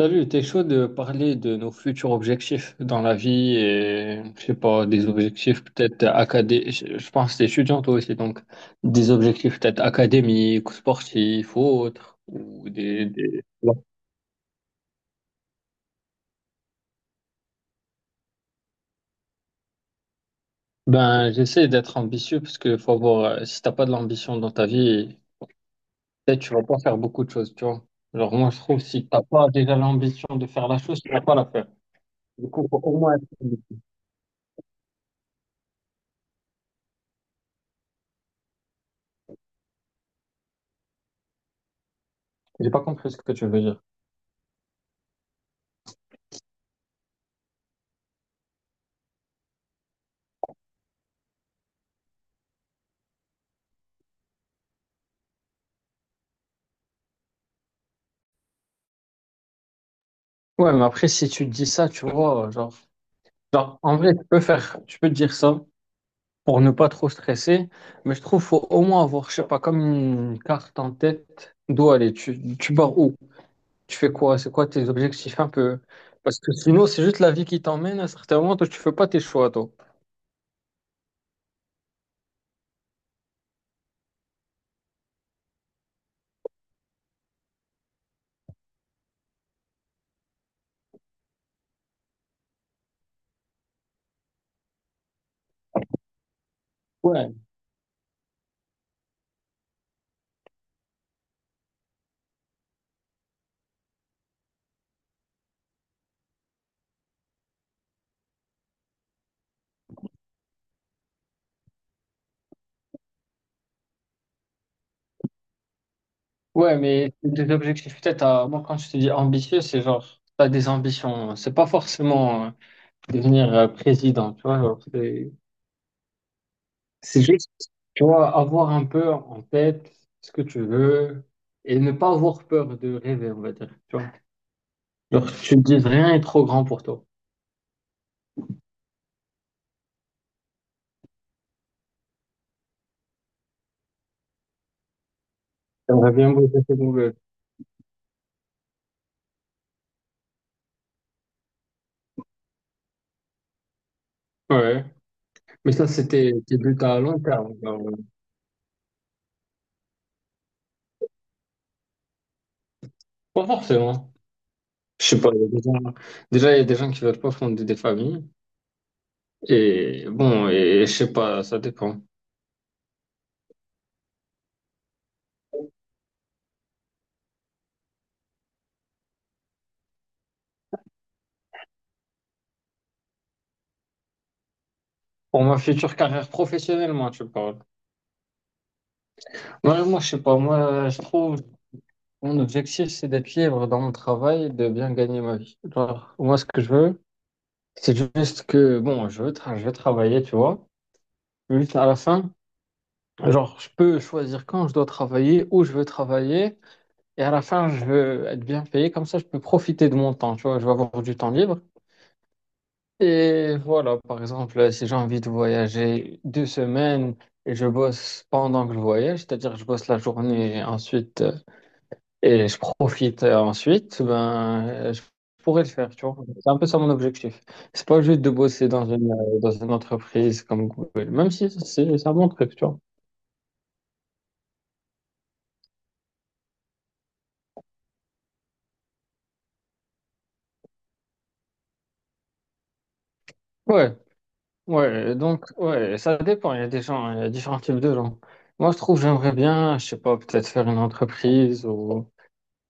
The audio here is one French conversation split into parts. Salut, t'es chaud de parler de nos futurs objectifs dans la vie et, je sais pas, des objectifs peut-être académiques. Je pense que t'es étudiant toi aussi, donc des objectifs peut-être académiques, sportifs ou autres. Ou Ouais. Ben, j'essaie d'être ambitieux parce que faut avoir, si t'as pas de l'ambition dans ta vie, peut-être tu vas pas faire beaucoup de choses, tu vois. Alors moi, je trouve que si t'as pas déjà l'ambition de faire la chose, tu vas pas la faire. Du coup, faut au moins être ambitieux. J'ai pas compris ce que tu veux dire. Ouais, mais après, si tu te dis ça, tu vois, genre. Genre, en vrai, tu peux faire, tu peux te dire ça pour ne pas trop stresser, mais je trouve qu'il faut au moins avoir, je sais pas, comme une carte en tête d'où aller. Tu pars où? Tu fais quoi? C'est quoi tes objectifs un peu? Parce que sinon, c'est juste la vie qui t'emmène. À certains moments, toi, tu fais pas tes choix, toi. Ouais, ouais, mais des objectifs, peut-être, à... moi, quand je te dis ambitieux, c'est genre, t'as des ambitions. C'est pas forcément devenir président, tu vois. Genre, c'est juste tu vois, avoir un peu en tête ce que tu veux et ne pas avoir peur de rêver, on va dire. Tu vois, genre, tu te dis rien est trop grand pour toi. J'aimerais bien bosser cette nouvelle. Ouais. Mais ça, c'était tes buts à long terme. Genre, pas forcément. Je sais pas, il y a des gens- déjà, il y a des gens qui veulent pas fonder des familles. Et bon, et, je sais pas, ça dépend. Pour ma future carrière professionnelle, moi, tu parles. Ouais, moi, je sais pas. Moi, je trouve mon objectif, c'est d'être libre dans mon travail et de bien gagner ma vie. Genre, moi, ce que je veux, c'est juste que, bon, je veux travailler, tu vois. Juste à la fin, genre, je peux choisir quand je dois travailler, où je veux travailler. Et à la fin, je veux être bien payé. Comme ça, je peux profiter de mon temps, tu vois. Je vais avoir du temps libre. Et voilà, par exemple, si j'ai envie de voyager deux semaines et je bosse pendant que je voyage, c'est-à-dire que je bosse la journée et ensuite, et je profite ensuite, je pourrais le faire, tu vois. C'est un peu ça mon objectif. C'est pas juste de bosser dans dans une entreprise comme Google, même si c'est un bon truc, tu vois. Ouais, ouais, donc, ouais, ça dépend. Il y a des gens, il y a différents types de gens. Moi, je trouve, j'aimerais bien, je sais pas, peut-être faire une entreprise ou.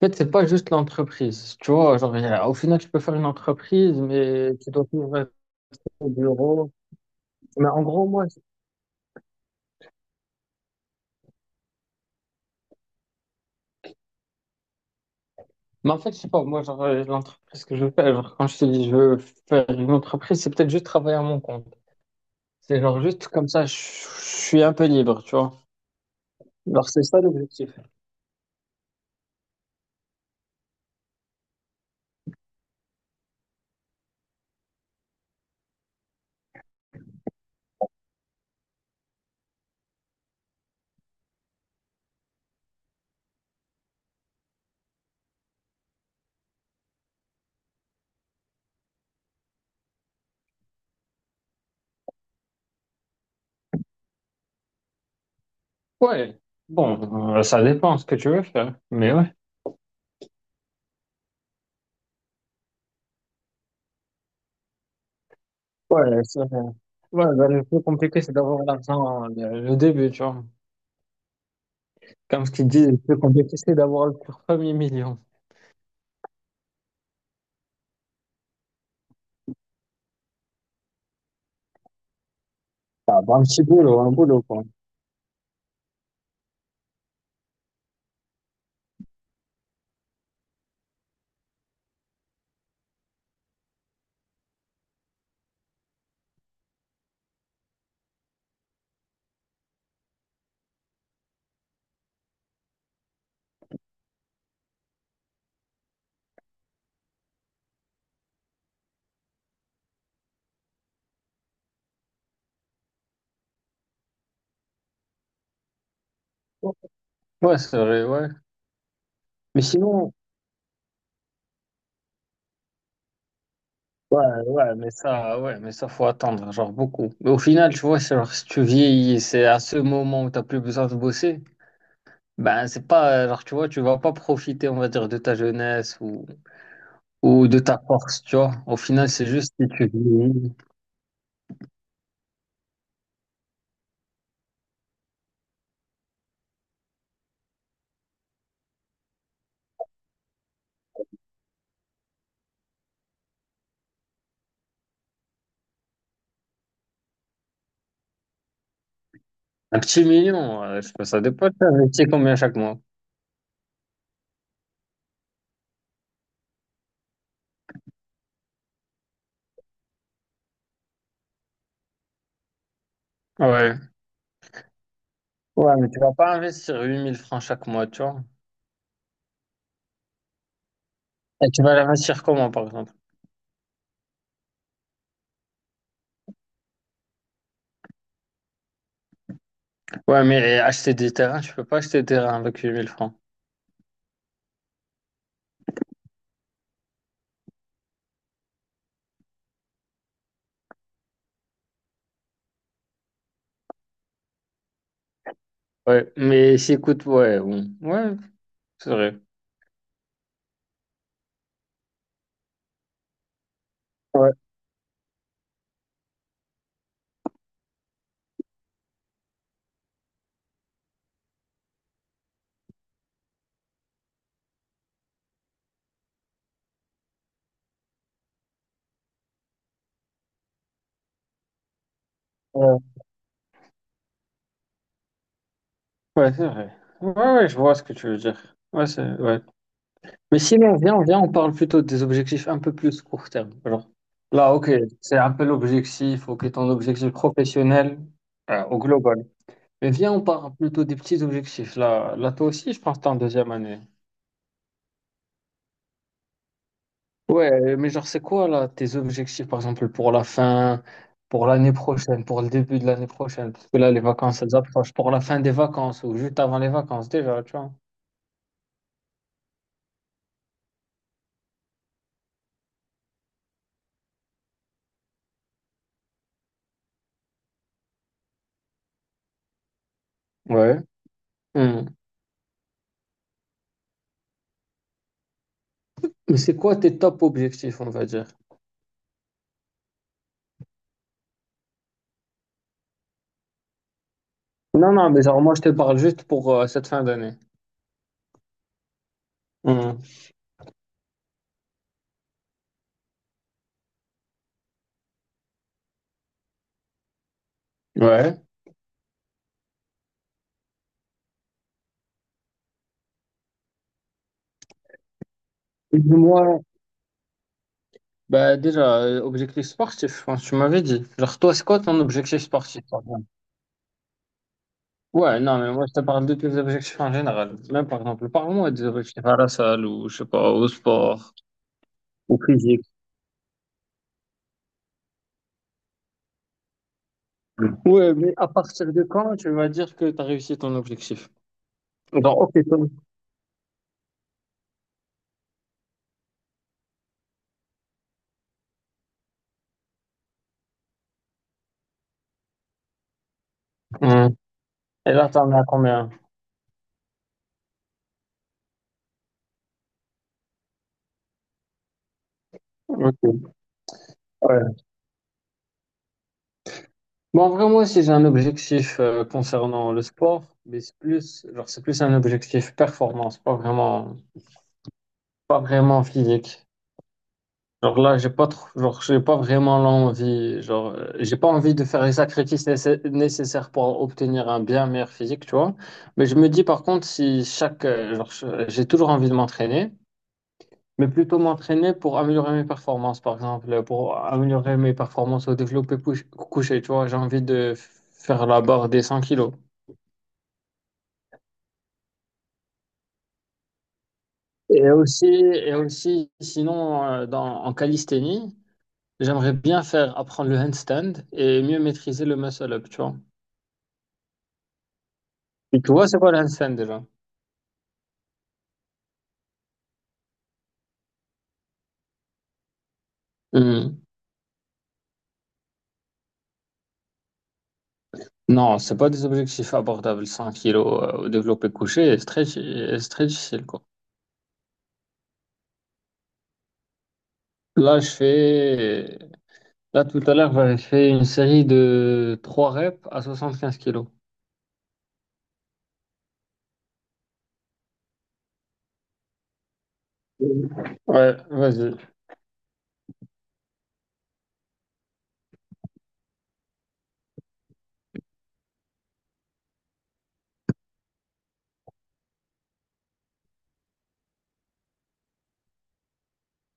En fait, c'est pas juste l'entreprise, tu vois. Genre, au final, tu peux faire une entreprise, mais tu dois toujours être au bureau. Mais en gros, moi, mais en fait, je sais pas, moi, genre, l'entreprise que je veux faire, genre, quand je te dis je veux faire une entreprise, c'est peut-être juste travailler à mon compte. C'est genre juste comme ça, je suis un peu libre, tu vois. Alors, c'est ça l'objectif. Ouais, bon, ça dépend ce que tu veux faire, mais ouais. Ouais, ça- ouais, bah, le plus compliqué, c'est d'avoir l'argent, le début, tu vois. Comme ce qu'ils disent, le plus compliqué, c'est d'avoir le premier million. Ah, bah, un petit boulot, un boulot, quoi. Ouais, c'est vrai, ouais. Mais sinon, ouais, ouais, mais ça, faut attendre, genre beaucoup. Mais au final, tu vois, c'est genre, si tu vieillis, c'est à ce moment où t'as plus besoin de bosser, ben, c'est pas, genre, tu vois, tu vas pas profiter, on va dire, de ta jeunesse ou de ta force, tu vois. Au final, c'est juste si tu vieillis. Un petit million, je sais pas, ça dépend, tu investis combien chaque mois. Ouais. Ouais, mais tu vas pas investir 8000 francs chaque mois, tu vois. Et tu vas l'investir comment, par exemple? Ouais, mais acheter des terrains, tu peux pas acheter des terrains avec huit mille francs. Ouais, mais si, écoute, ouais, bon. Ouais, c'est vrai. Ouais, ouais, ouais, c'est vrai. Ouais, ouais, je vois ce que tu veux dire. Ouais, c'est, ouais. Mais sinon, on parle plutôt des objectifs un peu plus court terme. Genre, là, ok, c'est un peu l'objectif, ok, ton objectif professionnel, au global. Mais viens, on parle plutôt des petits objectifs. Toi aussi, je pense que t'es en deuxième année. Ouais, mais genre, c'est quoi, là, tes objectifs, par exemple, pour la fin, pour l'année prochaine, pour le début de l'année prochaine? Parce que là, les vacances, elles approchent. Pour la fin des vacances ou juste avant les vacances, déjà, tu vois. Ouais. Hmm. Mais c'est quoi tes top objectifs, on va dire? Non, non, mais genre, moi, je te parle juste pour cette fin d'année. Hmm. Ouais. Moi, bah, déjà, objectif sportif, je pense que tu m'avais dit. Genre, toi, c'est quoi ton objectif sportif, par exemple? Ouais, non, mais moi, je te parle de tes objectifs en général. Même, par exemple, parle-moi des objectifs à la salle ou, je sais pas, au sport, au physique. Ouais, mais à partir de quand tu vas dire que tu as réussi ton objectif? Genre, ok, toi. Hmm. Et là, t'en as combien? Ok. Ouais. Bon, vraiment, si j'ai un objectif concernant le sport, mais c'est plus, genre, c'est plus un objectif performance, pas vraiment, pas vraiment physique. Genre là, j'ai pas trop, genre, j'ai pas vraiment l'envie, genre, j'ai pas envie de faire les nécessaires pour obtenir un bien meilleur physique, tu vois. Mais je me dis par contre, si chaque, genre, je- j'ai toujours envie de m'entraîner, mais plutôt m'entraîner pour améliorer mes performances, par exemple, pour améliorer mes performances au couché, tu vois. J'ai envie de faire la barre des 100 kilos. Et aussi, sinon, en calisthénie, j'aimerais bien faire apprendre le handstand et mieux maîtriser le muscle-up, tu vois. Et tu vois, c'est quoi le handstand déjà? Hmm. Non, c'est pas des objectifs abordables, 100 kilos au développé couché, et et c'est très difficile, quoi. Là, je fais, là, tout à l'heure, j'avais fait une série de 3 reps à 75 kilos. Ouais, vas-y.